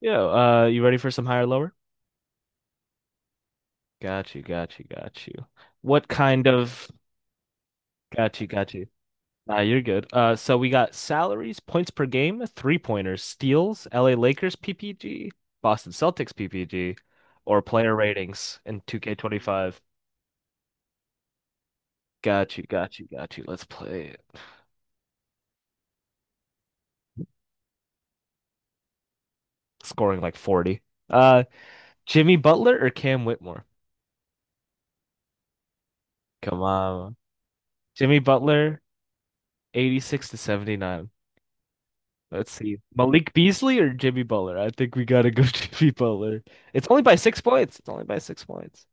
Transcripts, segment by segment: Yeah, you ready for some higher lower? Got you, got you, got you. What kind of got you, got you. Nah, you're good. So we got salaries, points per game, three pointers, steals, LA Lakers PPG, Boston Celtics PPG, or player ratings in 2K25. Got you, got you, got you. Let's play it. Scoring like 40. Uh, Jimmy Butler or Cam Whitmore? Come on. Jimmy Butler, 86 to 79. Let's see. Malik Beasley or Jimmy Butler? I think we gotta go Jimmy Butler. It's only by 6 points. It's only by 6 points.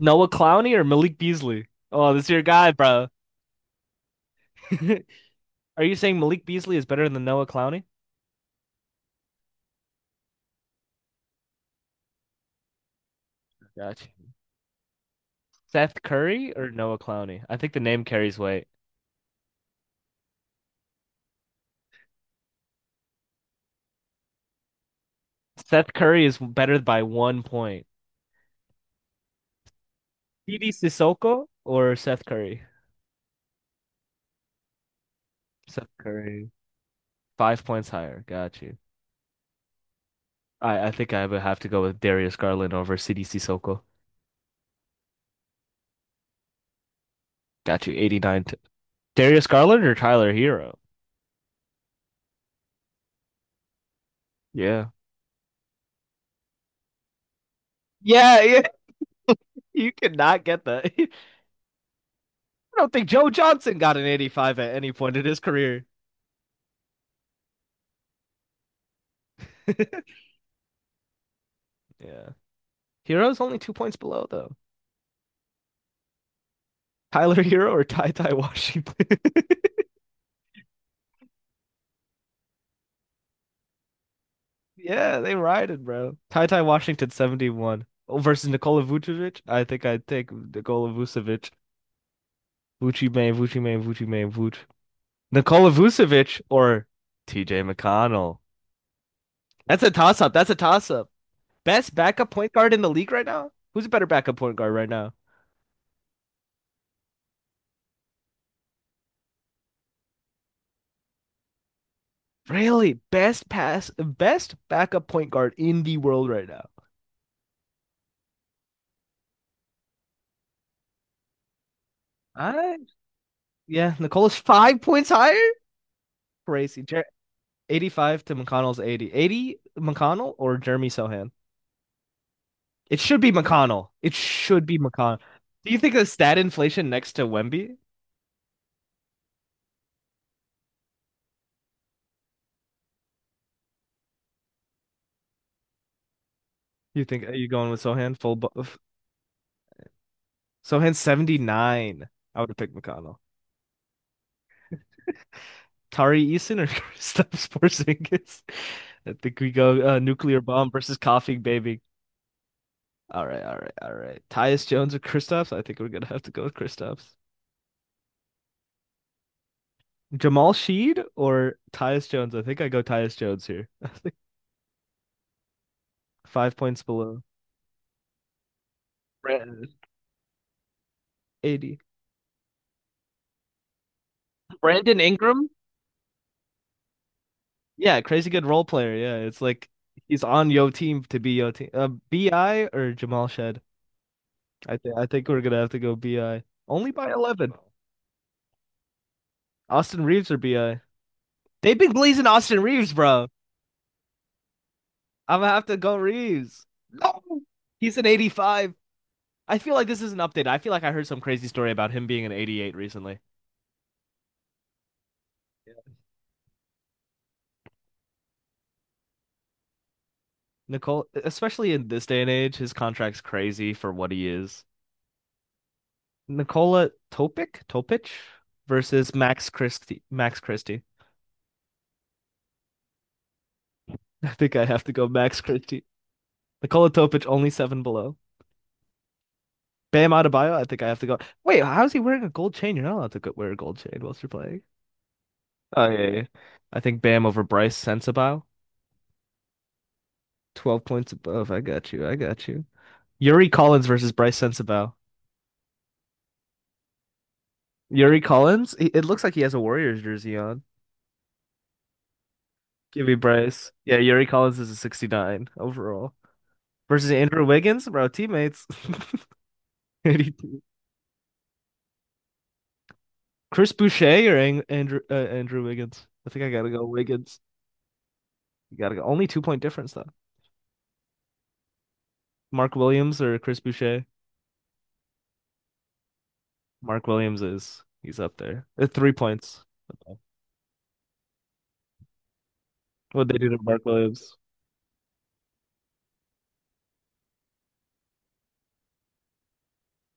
Noah Clowney or Malik Beasley? Oh, this is your guy, bro. Are you saying Malik Beasley is better than Noah Clowney? Gotcha. Seth Curry or Noah Clowney? I think the name carries weight. Seth Curry is better by 1 point. CD Sissoko or Seth Curry? Seth Curry. 5 points higher. Got you. I think I would have to go with Darius Garland over CD Sissoko. Got you. 89 to. Darius Garland or Tyler Hero? Yeah. Yeah, yeah, you cannot get that. I don't think Joe Johnson got an 85 at any point in his career. Yeah. Hero's only 2 points below, though. Tyler Hero or Ty Ty Washington? Yeah, they riding, bro. Ty Ty Washington 71, versus Nikola Vucevic. I think I'd take Nikola Vucevic. Vucci May, Vucci May, Vucci May, Vuc. Nikola Vucevic or TJ McConnell. That's a toss up. That's a toss up. Best backup point guard in the league right now? Who's a better backup point guard right now? Really? Best backup point guard in the world right now. I yeah, Nicola's 5 points higher. Crazy. 85 to McConnell's 80. 80 McConnell or Jeremy Sohan? It should be McConnell. It should be McConnell. Do you think the stat inflation next to Wemby? You think are you going with Sohan full? Sohan 79. I would have picked McConnell. Tari Eason or Kristaps Porzingis? I think we go nuclear bomb versus coffee baby. All right, all right, all right. Tyus Jones or Kristaps? I think we're gonna have to go with Kristaps. Jamal Sheed or Tyus Jones? I think I go Tyus Jones here. I think 5 points below. Brandon. 80. Brandon Ingram? Yeah, crazy good role player. Yeah, it's like he's on yo team to be yo team. BI or Jamal Shed? I think we're gonna have to go BI. Only by 11. Austin Reeves or BI? They've been blazing Austin Reeves, bro. I'm gonna have to go Reeves. No, he's an 85. I feel like this is an update. I feel like I heard some crazy story about him being an 88 recently. Yeah. Nicole, especially in this day and age, his contract's crazy for what he is. Nikola Topic versus Max Christie. Max Christie. I think I have to go Max Christie. Nikola Topic only seven below. Bam Adebayo. I think I have to go. Wait, how is he wearing a gold chain? You're not allowed to wear a gold chain whilst you're playing. Oh yeah, yeah. I think Bam over Bryce Sensabaugh. 12 points above. I got you. I got you. Yuri Collins versus Bryce Sensabaugh. Yuri Collins, it looks like he has a Warriors jersey on. Give me Bryce. Yeah, Yuri Collins is a 69 overall. Versus Andrew Wiggins, bro, teammates. 82. Chris Boucher or Ang Andrew Andrew Wiggins? I think I gotta go Wiggins. You gotta go. Only 2-point difference though. Mark Williams or Chris Boucher? Mark Williams, is he's up there. 3 points. What they do to Mark Williams?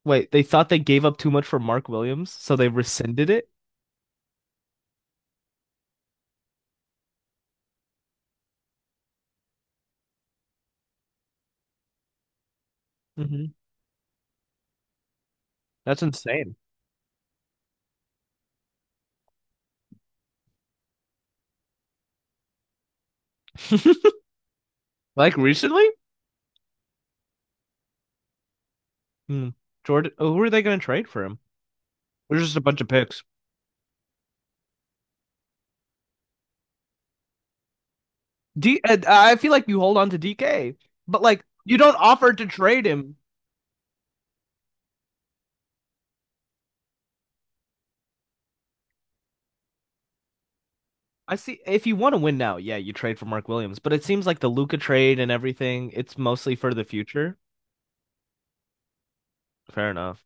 Wait, they thought they gave up too much for Mark Williams, so they rescinded it? Hmm. That's insane. Like recently? Hmm. Who are they going to trade for him? There's just a bunch of picks. D. I feel like you hold on to DK, but like you don't offer to trade him. I see. If you want to win now, yeah, you trade for Mark Williams. But it seems like the Luca trade and everything, it's mostly for the future. Fair enough.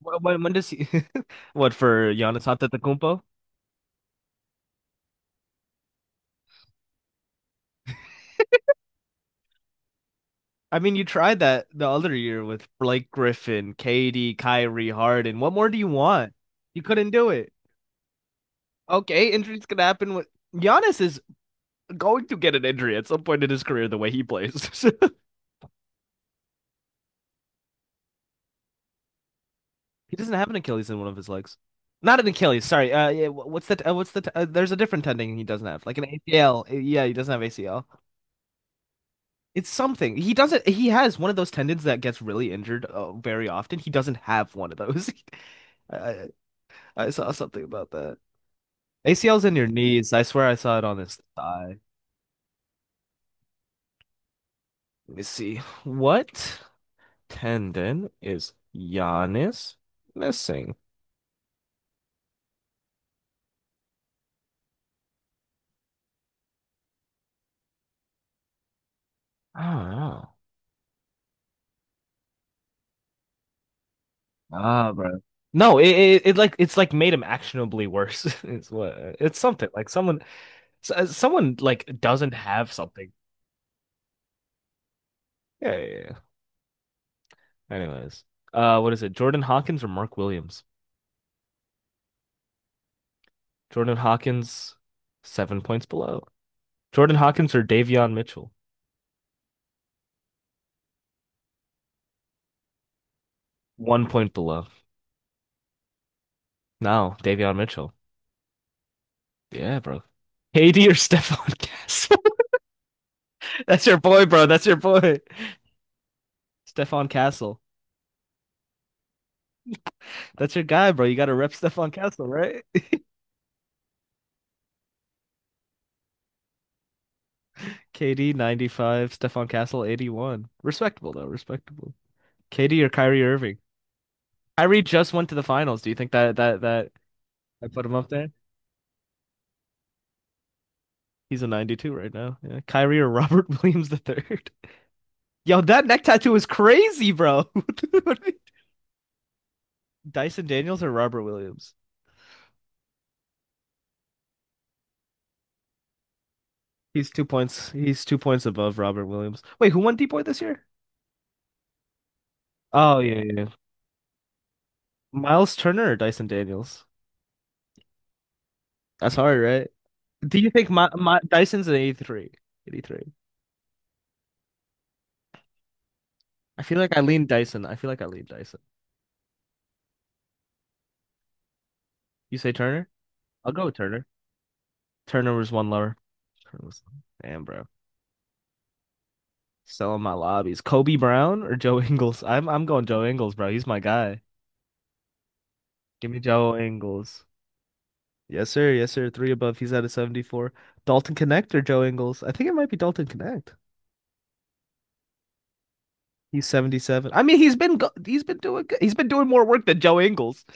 When does he? What for Giannis Antetokounmpo? I mean, you tried that the other year with Blake Griffin, KD, Kyrie, Harden. What more do you want? You couldn't do it. Okay, injuries could happen. With Giannis is going to get an injury at some point in his career the way he plays. He doesn't have an Achilles in one of his legs. Not an Achilles, sorry. Yeah, what's that? What's the? There's a different tendon he doesn't have, like an ACL. Yeah, he doesn't have ACL. It's something. He doesn't. He has one of those tendons that gets really injured very often. He doesn't have one of those. I, I I saw something about that. ACL's in your knees. I swear I saw it on his thigh. Let me see. What tendon is Giannis missing? I don't know. Ah, bro. No, it like it's like made him actionably worse. It's something like someone like doesn't have something. Yeah, yeah, yeah. Anyways, what is it? Jordan Hawkins or Mark Williams? Jordan Hawkins, 7 points below. Jordan Hawkins or Davion Mitchell, 1 point below. No, Davion Mitchell. Yeah, bro. KD or Stephon Castle? That's your boy, bro. That's your boy. Stephon Castle. That's your guy, bro. You gotta rep Stephon Castle, right? KD 95, Stephon Castle 81. Respectable though, respectable. KD or Kyrie Irving? Kyrie just went to the finals. Do you think that I put him up there? He's a 92 right now. Yeah. Kyrie or Robert Williams III. Yo, that neck tattoo is crazy, bro. Dyson Daniels or Robert Williams? He's 2 points above Robert Williams. Wait, who won D Boy this year? Oh yeah, yeah, yeah. Miles Turner or Dyson Daniels? That's hard, right? Do you think my Dyson's an 83? 83. I feel like I lean Dyson. I feel like I lean Dyson. You say Turner? I'll go with Turner. Turner was one lower. Turner was damn, bro. Selling my lobbies. Kobe Brown or Joe Ingles? I'm going Joe Ingles, bro. He's my guy. Give me Joe Ingles. Yes, sir. Yes, sir. Three above. He's at a 74. Dalton Connect or Joe Ingles? I think it might be Dalton Connect. He's 77. I mean, he's been doing good. He's been doing more work than Joe Ingles.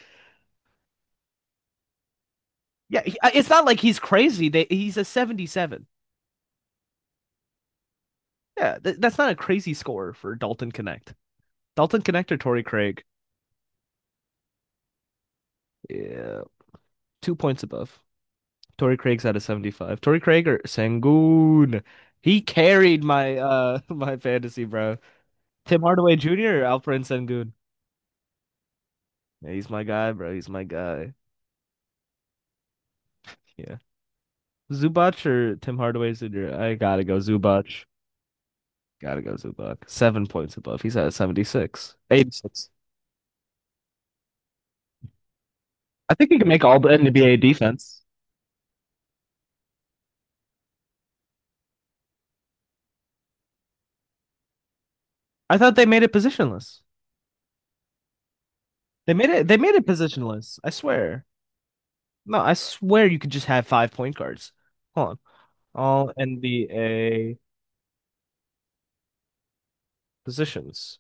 Yeah, it's not like he's crazy. He's a 77. Yeah, that's not a crazy score for Dalton Connect. Dalton Connect or Torrey Craig? Yeah, 2 points above. Torrey Craig's at a 75. Torrey Craig or Sangoon? He carried my my fantasy, bro. Tim Hardaway Jr. or Alperen Sengun? Yeah, he's my guy, bro. He's my guy. Yeah. Zubac or Tim Hardaway Jr.? I gotta go Zubac. Gotta go Zubac. 7 points above. He's at 76. 86. I think he can make all the NBA defense. I thought they made it positionless. They made it positionless. I swear. No, I swear you could just have five point guards. Hold on. All NBA positions.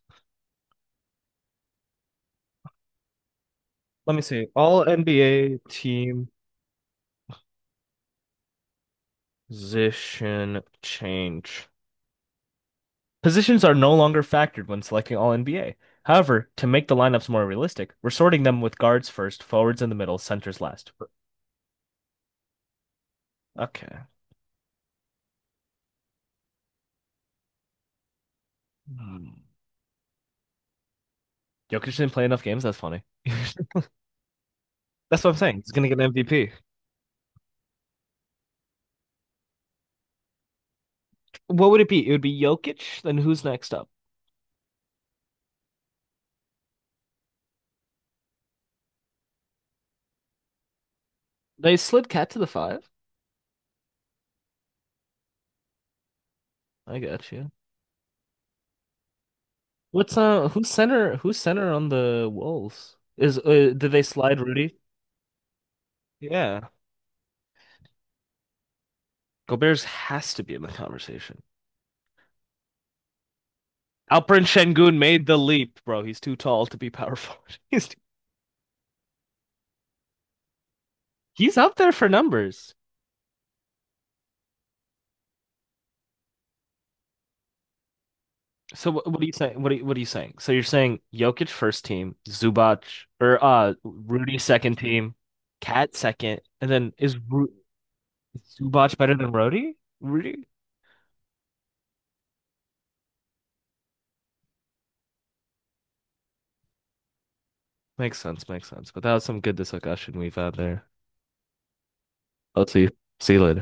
Let me see. All NBA team position change. Positions are no longer factored when selecting all NBA. However, to make the lineups more realistic, we're sorting them with guards first, forwards in the middle, centers last. Okay. Hmm. Jokic didn't play enough games. That's funny. That's what I'm saying. He's gonna get an MVP. What would it be? It would be Jokic. Then who's next up? They slid Cat to the five. I got you. What's uh? Who's center? Who's center on the Wolves? Is did they slide Rudy? Yeah, Gobert's has to be in the conversation. Alperen Şengün made the leap, bro. He's too tall to be power forward. He's up there for numbers. So what are you saying? What are you saying? So you're saying Jokic first team, Zubac or Rudy second team, Cat second, and then is Zubac better than Rudy? Rudy? Makes sense, makes sense. But that was some good discussion we've had there. I'll see you. See you later.